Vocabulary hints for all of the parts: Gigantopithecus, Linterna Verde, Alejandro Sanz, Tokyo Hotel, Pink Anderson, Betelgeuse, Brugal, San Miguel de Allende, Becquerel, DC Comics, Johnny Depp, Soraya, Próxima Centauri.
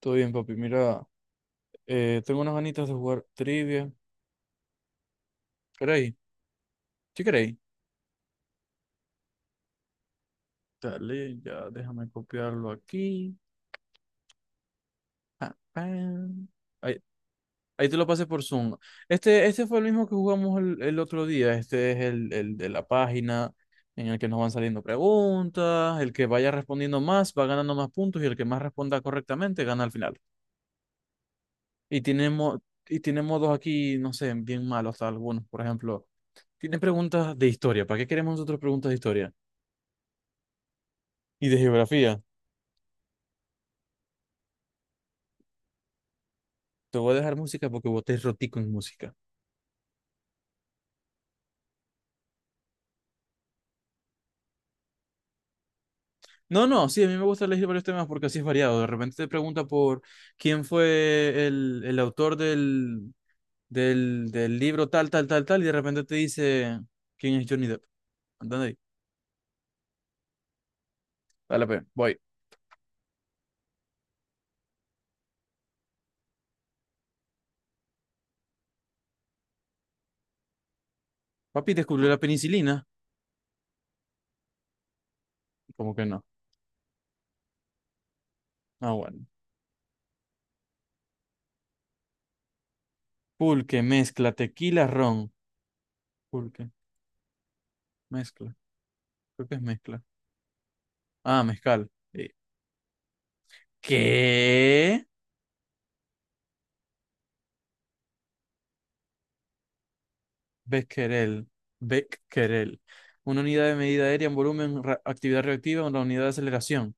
Todo bien, papi. Mira, tengo unas ganitas de jugar trivia. ¿Queréis? ¿Sí queréis? Dale, ya déjame copiarlo aquí. Pa, pam. Ahí, ahí te lo pasé por Zoom. Este fue el mismo que jugamos el otro día. Este es el de la página en el que nos van saliendo preguntas. El que vaya respondiendo más va ganando más puntos y el que más responda correctamente gana al final. Y tenemos, y tiene modos aquí, no sé, bien malos algunos. Por ejemplo, tiene preguntas de historia. ¿Para qué queremos nosotros preguntas de historia? Y de geografía. Te voy a dejar música porque vos te rotico en música. No, no, sí, a mí me gusta elegir varios temas porque así es variado. De repente te pregunta por quién fue el autor del libro tal, tal, tal, tal, y de repente te dice quién es Johnny Depp. ¿Entendéis? Dale, pues, voy. Papi descubrió la penicilina. Como que no. Ah, bueno. Pulque, mezcla, tequila, ron. Pulque, mezcla. Creo que es mezcla. Ah, mezcal. ¿Qué? Becquerel, Becquerel. Una unidad de medida aérea en volumen, actividad reactiva, una unidad de aceleración.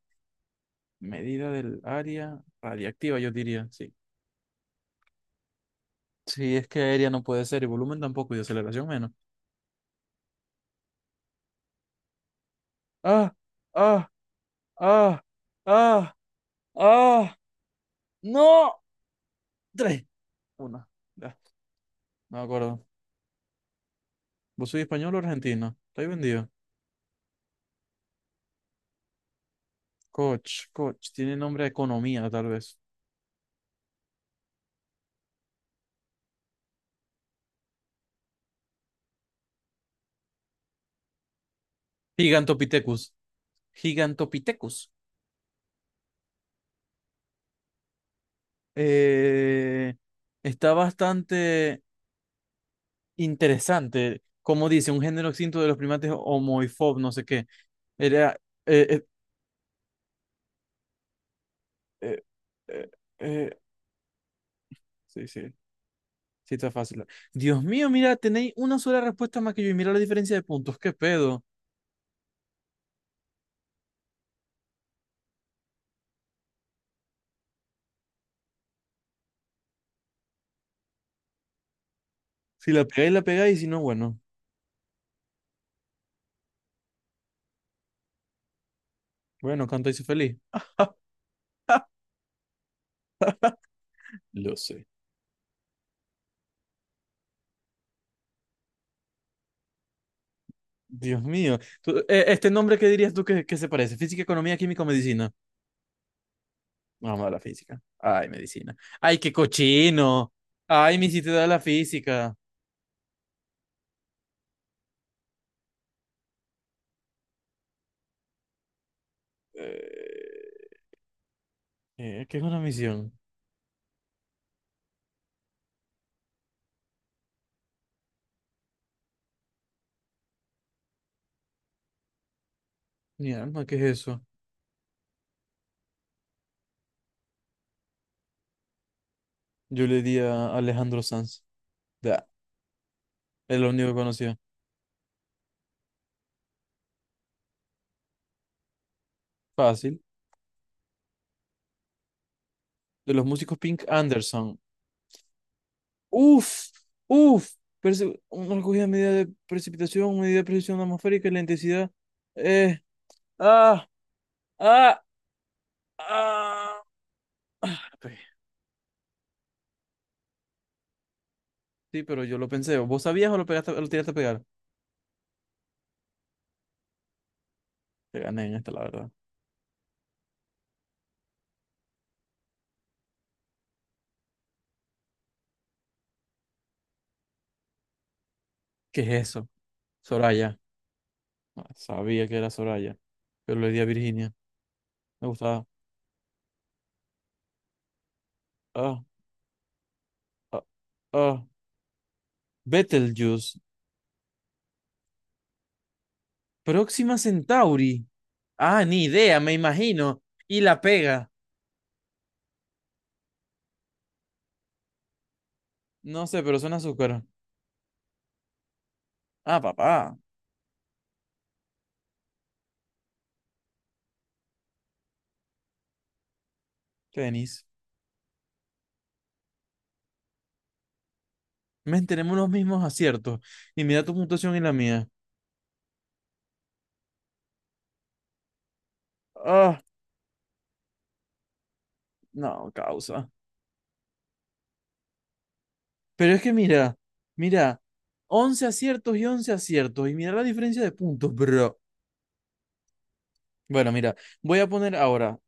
Medida del área radiactiva, yo diría, sí. Sí, es que aérea no puede ser, y volumen tampoco, y de aceleración menos. ¡Ah! ¡Ah! ¡Ah! ¡Ah! ¡Ah! ¡No! Tres. Una. Ya, no me acuerdo. ¿Vos sois español o argentino? Estoy vendido. Coach, coach. Tiene nombre de economía, tal vez. Gigantopithecus. Gigantopithecus. eh, está bastante interesante. Como dice, un género extinto de los primates homoifob, no sé qué. Era. eh, eh, eh, eh, eh, sí, sí, sí, está fácil. Dios mío, mira, tenéis una sola respuesta más que yo y mira la diferencia de puntos. ¿Qué pedo? Si la pegáis, la pegáis, y si no, bueno. Bueno, canto y soy feliz. Lo sé. Dios mío. ¿Este nombre qué dirías tú que se parece? Física, economía, química o medicina. Vamos a la física. Ay, medicina. Ay, qué cochino. Ay, me hiciste dar la física. Eh, ¿Qué es una misión? Mi alma, ¿qué es eso? Yo le di a Alejandro Sanz. Da, es lo único que conocía. Fácil. De los músicos Pink Anderson. Uf, uf. Una recogida de medida de precipitación, medida de precisión atmosférica y la intensidad. Eh, ah, ah, ah. Sí, pero yo lo pensé. ¿Vos sabías o lo pegaste, lo tiraste a pegar? Te gané en esta, la verdad. ¿Qué es eso? Soraya. Ah, sabía que era Soraya, pero le di a Virginia. Me gustaba. Ah, ah, ah. Betelgeuse. Próxima Centauri. Ah, ni idea, me imagino. Y la pega. No sé, pero suena azúcar. Ah, papá. Tenis. Men, tenemos los mismos aciertos. Y mira tu puntuación y la mía. Ah, no, causa. Pero es que mira, mira, 11 aciertos. Y mira la diferencia de puntos, bro. Bueno, mira, voy a poner ahora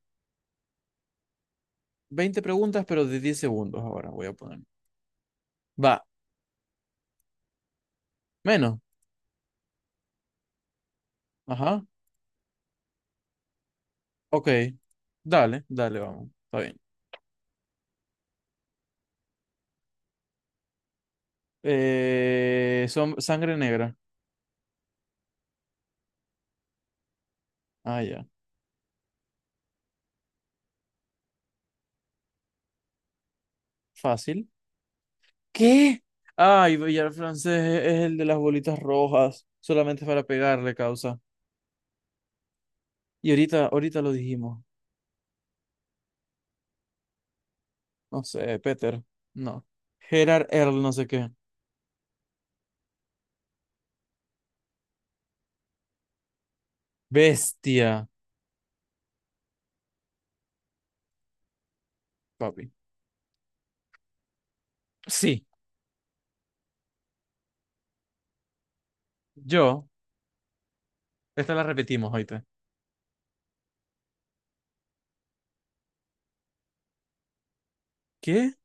20 preguntas, pero de 10 segundos ahora voy a poner. Va, menos. Ajá. Ok. Dale, dale, vamos. Está bien. Son sangre negra. Ah, ya. Fácil. ¿Qué? Ay, Villar francés es el de las bolitas rojas. Solamente para pegarle causa. Y ahorita, ahorita lo dijimos. No sé, Peter. No. Gerard Earl, no sé qué. Bestia, papi. Sí, yo. Esta la repetimos ahorita. ¿Qué?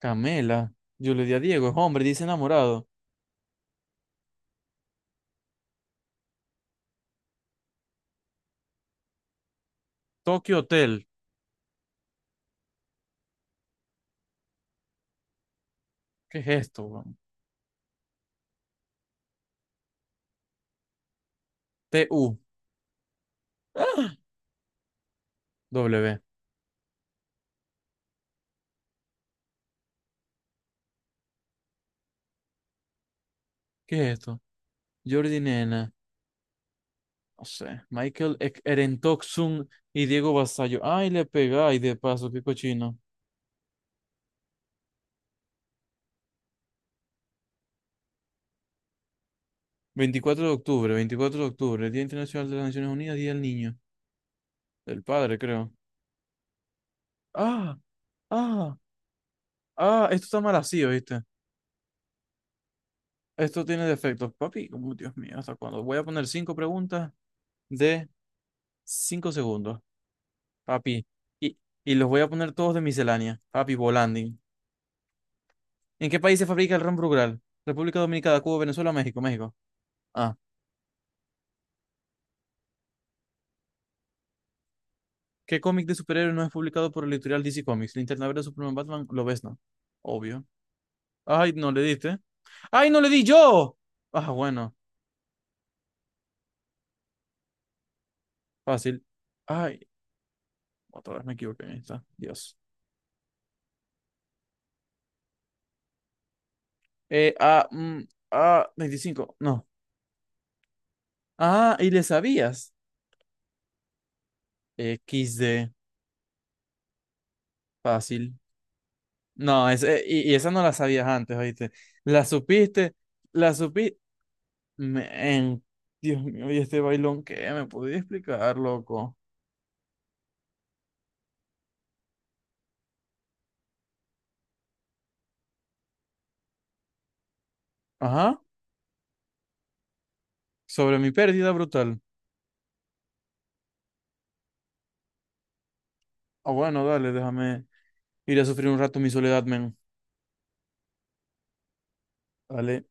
Camela. Yo le di a Diego, es hombre, dice enamorado. Tokyo Hotel. ¿Qué es esto, weón? T-U. W. ¿Qué es esto? Jordi Nena. No sé. Erentoxun y Diego Basayo. Ay, le pegáis de paso, qué cochino. Veinticuatro de octubre, veinticuatro de octubre, Día Internacional de las Naciones Unidas, Día del Niño. Del padre, creo. Ah, ah, ah, esto está mal así, ¿oíste? Esto tiene defectos. Papi, como Dios mío, ¿hasta cuándo? Voy a poner cinco preguntas de 5 segundos. Papi. Y, y los voy a poner todos de miscelánea, papi, Volanding. ¿En qué país se fabrica el ron Brugal? República Dominicana, Cuba, Venezuela, México, México. Ah. ¿Qué cómic de superhéroes no es publicado por el editorial DC Comics? Linterna Verde, Superman, Batman, lo ves, ¿no? Obvio. Ay, no le diste. ¡Ay, no le di yo! Ah, bueno, fácil. Ay, otra vez me equivoqué. Ahí está. Dios. Eh, ah, mm, 25. No. Ah, y le sabías. Equis de fácil. No, es, y esa no la sabías antes, ¿oíste? La supiste, la supiste. Men, Dios mío, y este bailón, ¿qué? ¿Me podía explicar, loco? Ajá, sobre mi pérdida brutal. Ah, bueno, dale, déjame ir a sufrir un rato mi soledad, men. Dale.